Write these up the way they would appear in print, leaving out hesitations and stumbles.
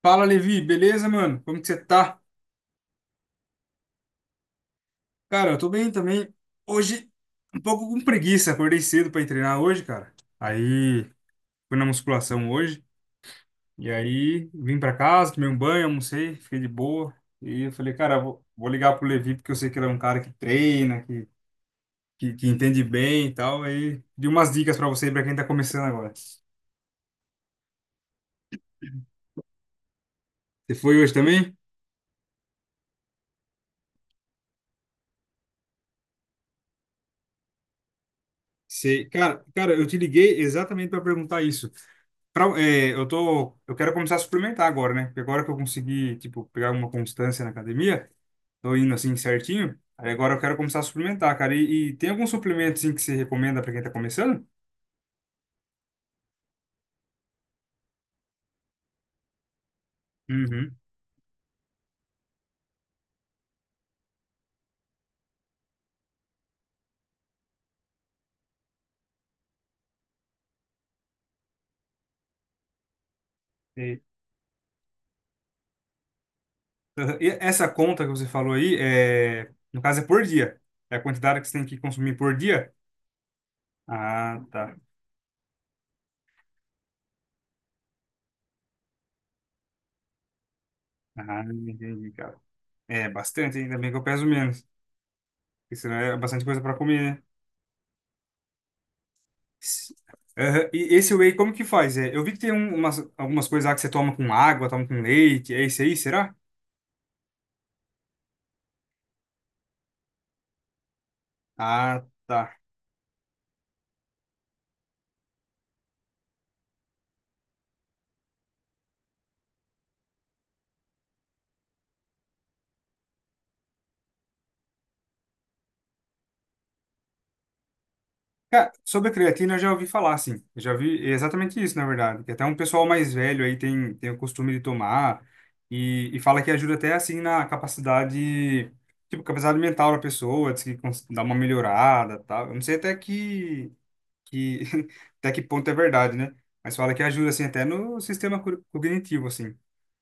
Fala, Levi, beleza, mano? Como que você tá? Cara, eu tô bem também. Hoje, um pouco com preguiça, acordei cedo pra ir treinar hoje, cara. Aí, fui na musculação hoje, e aí vim pra casa, tomei um banho, almocei, fiquei de boa. E eu falei, cara, vou ligar pro Levi, porque eu sei que ele é um cara que treina, que entende bem e tal. Aí, de umas dicas pra você, e pra quem tá começando agora. Você foi hoje também? Sei. Cara, eu te liguei exatamente pra perguntar isso. Eu quero começar a suplementar agora, né? Porque agora que eu consegui, tipo, pegar uma constância na academia, tô indo assim certinho. Aí agora eu quero começar a suplementar, cara. E tem algum suplemento assim que você recomenda para quem tá começando? Uhum. E, e essa conta que você falou aí no caso é por dia. É a quantidade que você tem que consumir por dia? Ah, tá. Ah, entendi, cara. É bastante, ainda bem que eu peso menos. Porque senão é bastante coisa para comer, né? Aham. E esse whey, como que faz? Eu vi que tem algumas coisas lá que você toma com água, toma com leite, é esse aí, será? Ah, tá. Cara, sobre a creatina eu já ouvi falar, assim. Eu já vi exatamente isso, na verdade. Que até um pessoal mais velho aí tem o costume de tomar e fala que ajuda até, assim, na capacidade, tipo, capacidade mental da pessoa, diz que dá uma melhorada, tal. Eu não sei que, até que ponto é verdade, né? Mas fala que ajuda, assim, até no sistema cognitivo, assim.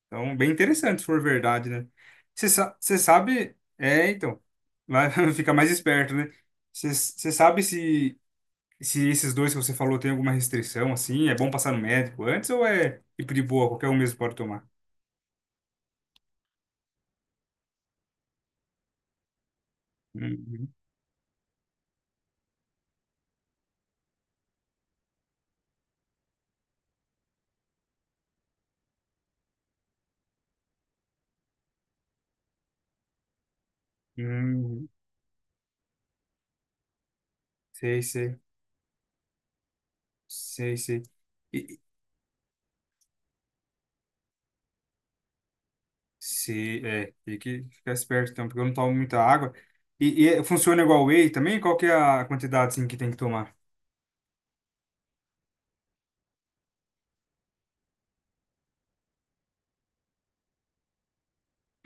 Então, bem interessante, se for verdade, né? Você sabe. É, então. Vai ficar mais esperto, né? Você sabe se esses dois que você falou tem alguma restrição, assim? É bom passar no médico antes ou é tipo de boa, qualquer um mesmo pode tomar? Uhum. Uhum. Sei, sei. Sei, sei. E, e- sei, é. Tem que ficar esperto, então, porque eu não tomo muita água. Funciona igual whey também? Qual que é a quantidade, assim, que tem que tomar?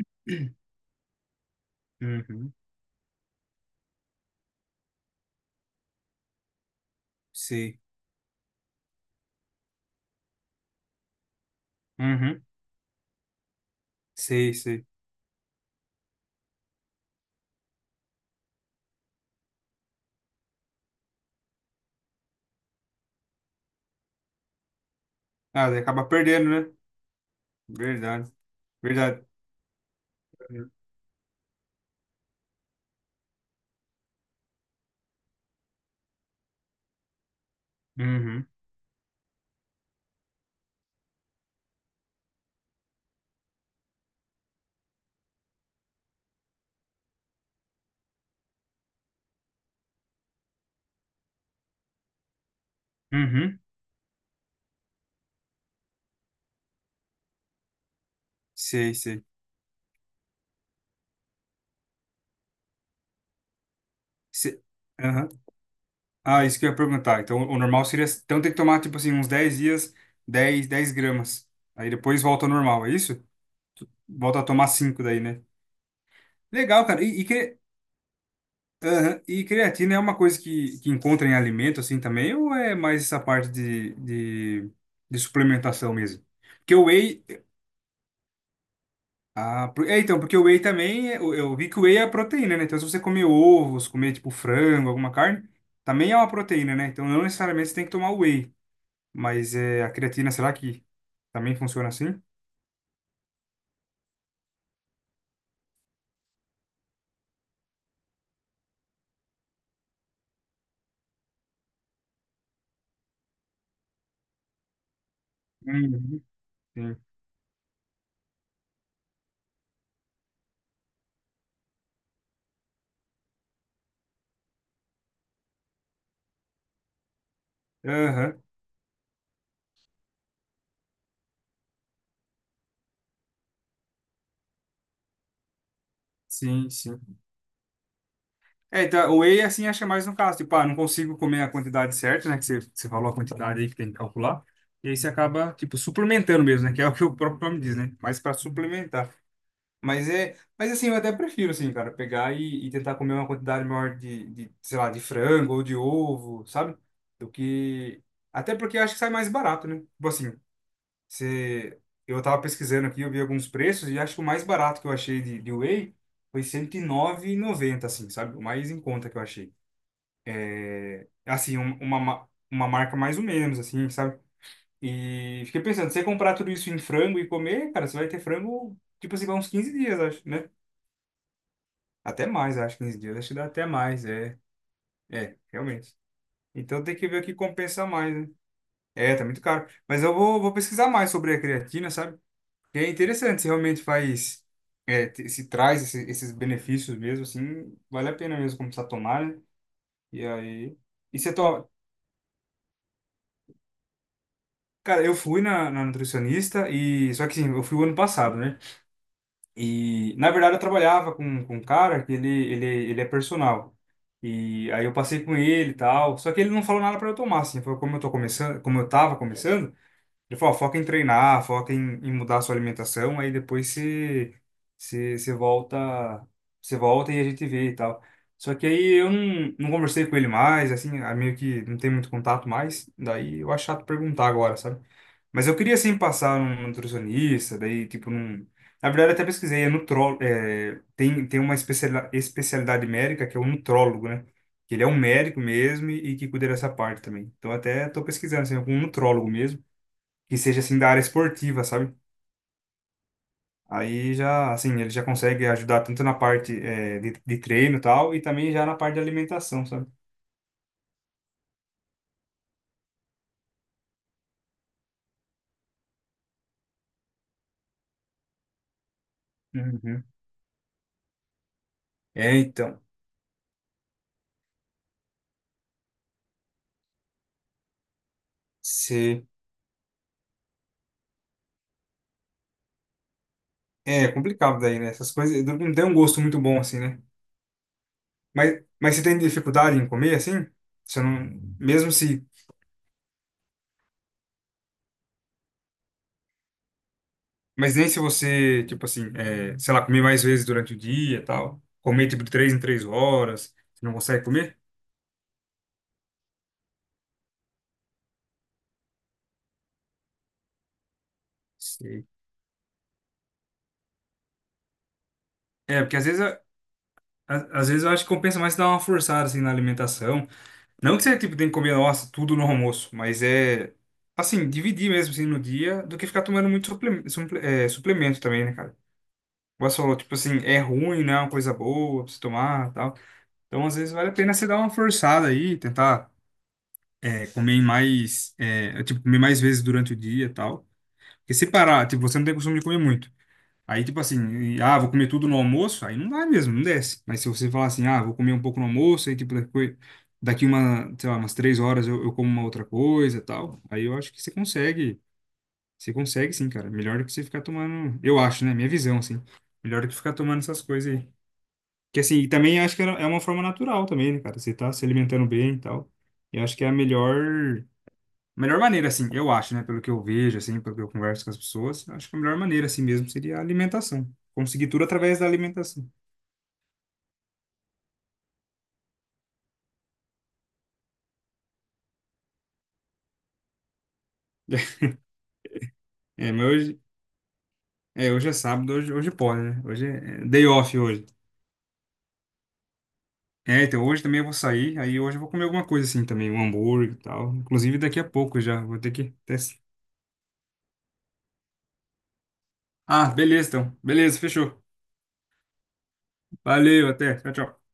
Uhum. Sei. Uhum. Sei, sei. Ah, daí acaba perdendo, né? Verdade. Verdade. Uhum. Uhum. Sei, sei. Se- Aham. Ah, isso que eu ia perguntar. Então, o normal seria. Então, tem que tomar, tipo assim, uns 10 dias, dez gramas. Aí depois volta ao normal, é isso? Volta a tomar 5 daí, né? Legal, cara. Aham. E creatina é uma coisa que encontra em alimento, assim, também? Ou é mais essa parte de suplementação mesmo? Porque o whey, Ah, então, porque o whey também, eu vi que o whey é proteína, né? Então, se você comer ovos, comer, tipo, frango, alguma carne, também é uma proteína, né? Então, não necessariamente você tem que tomar o whey. Mas a creatina, será que também funciona assim? Uhum, sim. Aham, sim, sim. É, então, o whey, assim, acha mais no caso. Tipo, ah, não consigo comer a quantidade certa, né? Que você falou a quantidade aí que tem que calcular. E aí você acaba, tipo, suplementando mesmo, né? Que é o que o próprio nome diz, né? Mas para suplementar. Mas assim, eu até prefiro, assim, cara, pegar e tentar comer uma quantidade maior sei lá, de frango ou de ovo, sabe? Do que. Até porque eu acho que sai mais barato, né? Tipo assim, você... eu tava pesquisando aqui, eu vi alguns preços e acho que o mais barato que eu achei de whey foi 109,90, assim, sabe? O mais em conta que eu achei. Assim, uma marca mais ou menos, assim, sabe? E fiquei pensando, se você comprar tudo isso em frango e comer, cara, você vai ter frango, tipo assim, vai uns 15 dias, acho, né? Até mais, acho, 15 dias. Acho que dá até mais, é. É, realmente. Então tem que ver o que compensa mais, né? É, tá muito caro. Mas eu vou pesquisar mais sobre a creatina, sabe? E é interessante, se realmente faz, se traz esses benefícios mesmo, assim, vale a pena mesmo começar a tomar, né? E aí. E você toma. Cara, eu fui na nutricionista e. Só que assim, eu fui o ano passado, né? E, na verdade, eu trabalhava com um cara que ele é personal. E aí eu passei com ele e tal. Só que ele não falou nada para eu tomar, assim. Foi como eu tô começando, como eu tava começando. Ele falou, ó, foca em treinar, foca em mudar a sua alimentação, aí depois você, você volta, você volta e a gente vê e tal. Só que aí eu não conversei com ele mais, assim, ah, meio que não tem muito contato mais, daí eu acho chato perguntar agora, sabe? Mas eu queria, assim, passar num nutricionista, daí, tipo, na verdade, eu até pesquisei, tem uma especialidade médica que é o nutrólogo, né? Que ele é um médico mesmo e que cuida dessa parte também. Então, até tô pesquisando, assim, algum nutrólogo mesmo, que seja assim da área esportiva, sabe? Aí já, assim, ele já consegue ajudar tanto na parte de treino e tal, e também já na parte de alimentação, sabe? Uhum. É, então, se... É complicado daí, né? Essas coisas não tem um gosto muito bom, assim, né? Mas você tem dificuldade em comer, assim? Você não... Mesmo se... Mas nem se você, tipo assim, sei lá, comer mais vezes durante o dia e tal, comer, tipo, de 3 em 3 horas, você não consegue comer? Sei. É, porque às vezes às vezes eu acho que compensa mais dar uma forçada assim na alimentação. Não que você tipo tem que comer, nossa, tudo no almoço, mas é assim, dividir mesmo assim no dia do que ficar tomando muito suplemento também, né, cara? Igual você falou, tipo assim, é ruim, né? É uma coisa boa pra você tomar, tal. Então, às vezes vale a pena você dar uma forçada aí, tentar comer mais, tipo, comer mais vezes durante o dia, e tal. Porque se parar, tipo, você não tem costume de comer muito. Aí, tipo assim, vou comer tudo no almoço, aí não vai mesmo, não desce. Mas se você falar assim, ah, vou comer um pouco no almoço, aí, tipo, daqui uma, sei lá, umas 3 horas eu como uma outra coisa e tal, aí eu acho que você consegue sim, cara. Melhor do que você ficar tomando, eu acho, né? Minha visão, assim. Melhor do que ficar tomando essas coisas aí. Que assim, e também acho que é uma forma natural também, né, cara? Você tá se alimentando bem e tal. Eu acho que é a melhor maneira, assim, eu acho, né? Pelo que eu vejo, assim, pelo que eu converso com as pessoas, acho que a melhor maneira, assim mesmo, seria a alimentação. Conseguir tudo através da alimentação. É, mas hoje, hoje é sábado, hoje pode, né? Hoje é day off hoje. É, então hoje também eu vou sair, aí hoje eu vou comer alguma coisa assim também, um hambúrguer e tal. Inclusive daqui a pouco já, vou ter que. Ah, beleza então. Beleza, fechou. Valeu, até. Tchau, tchau.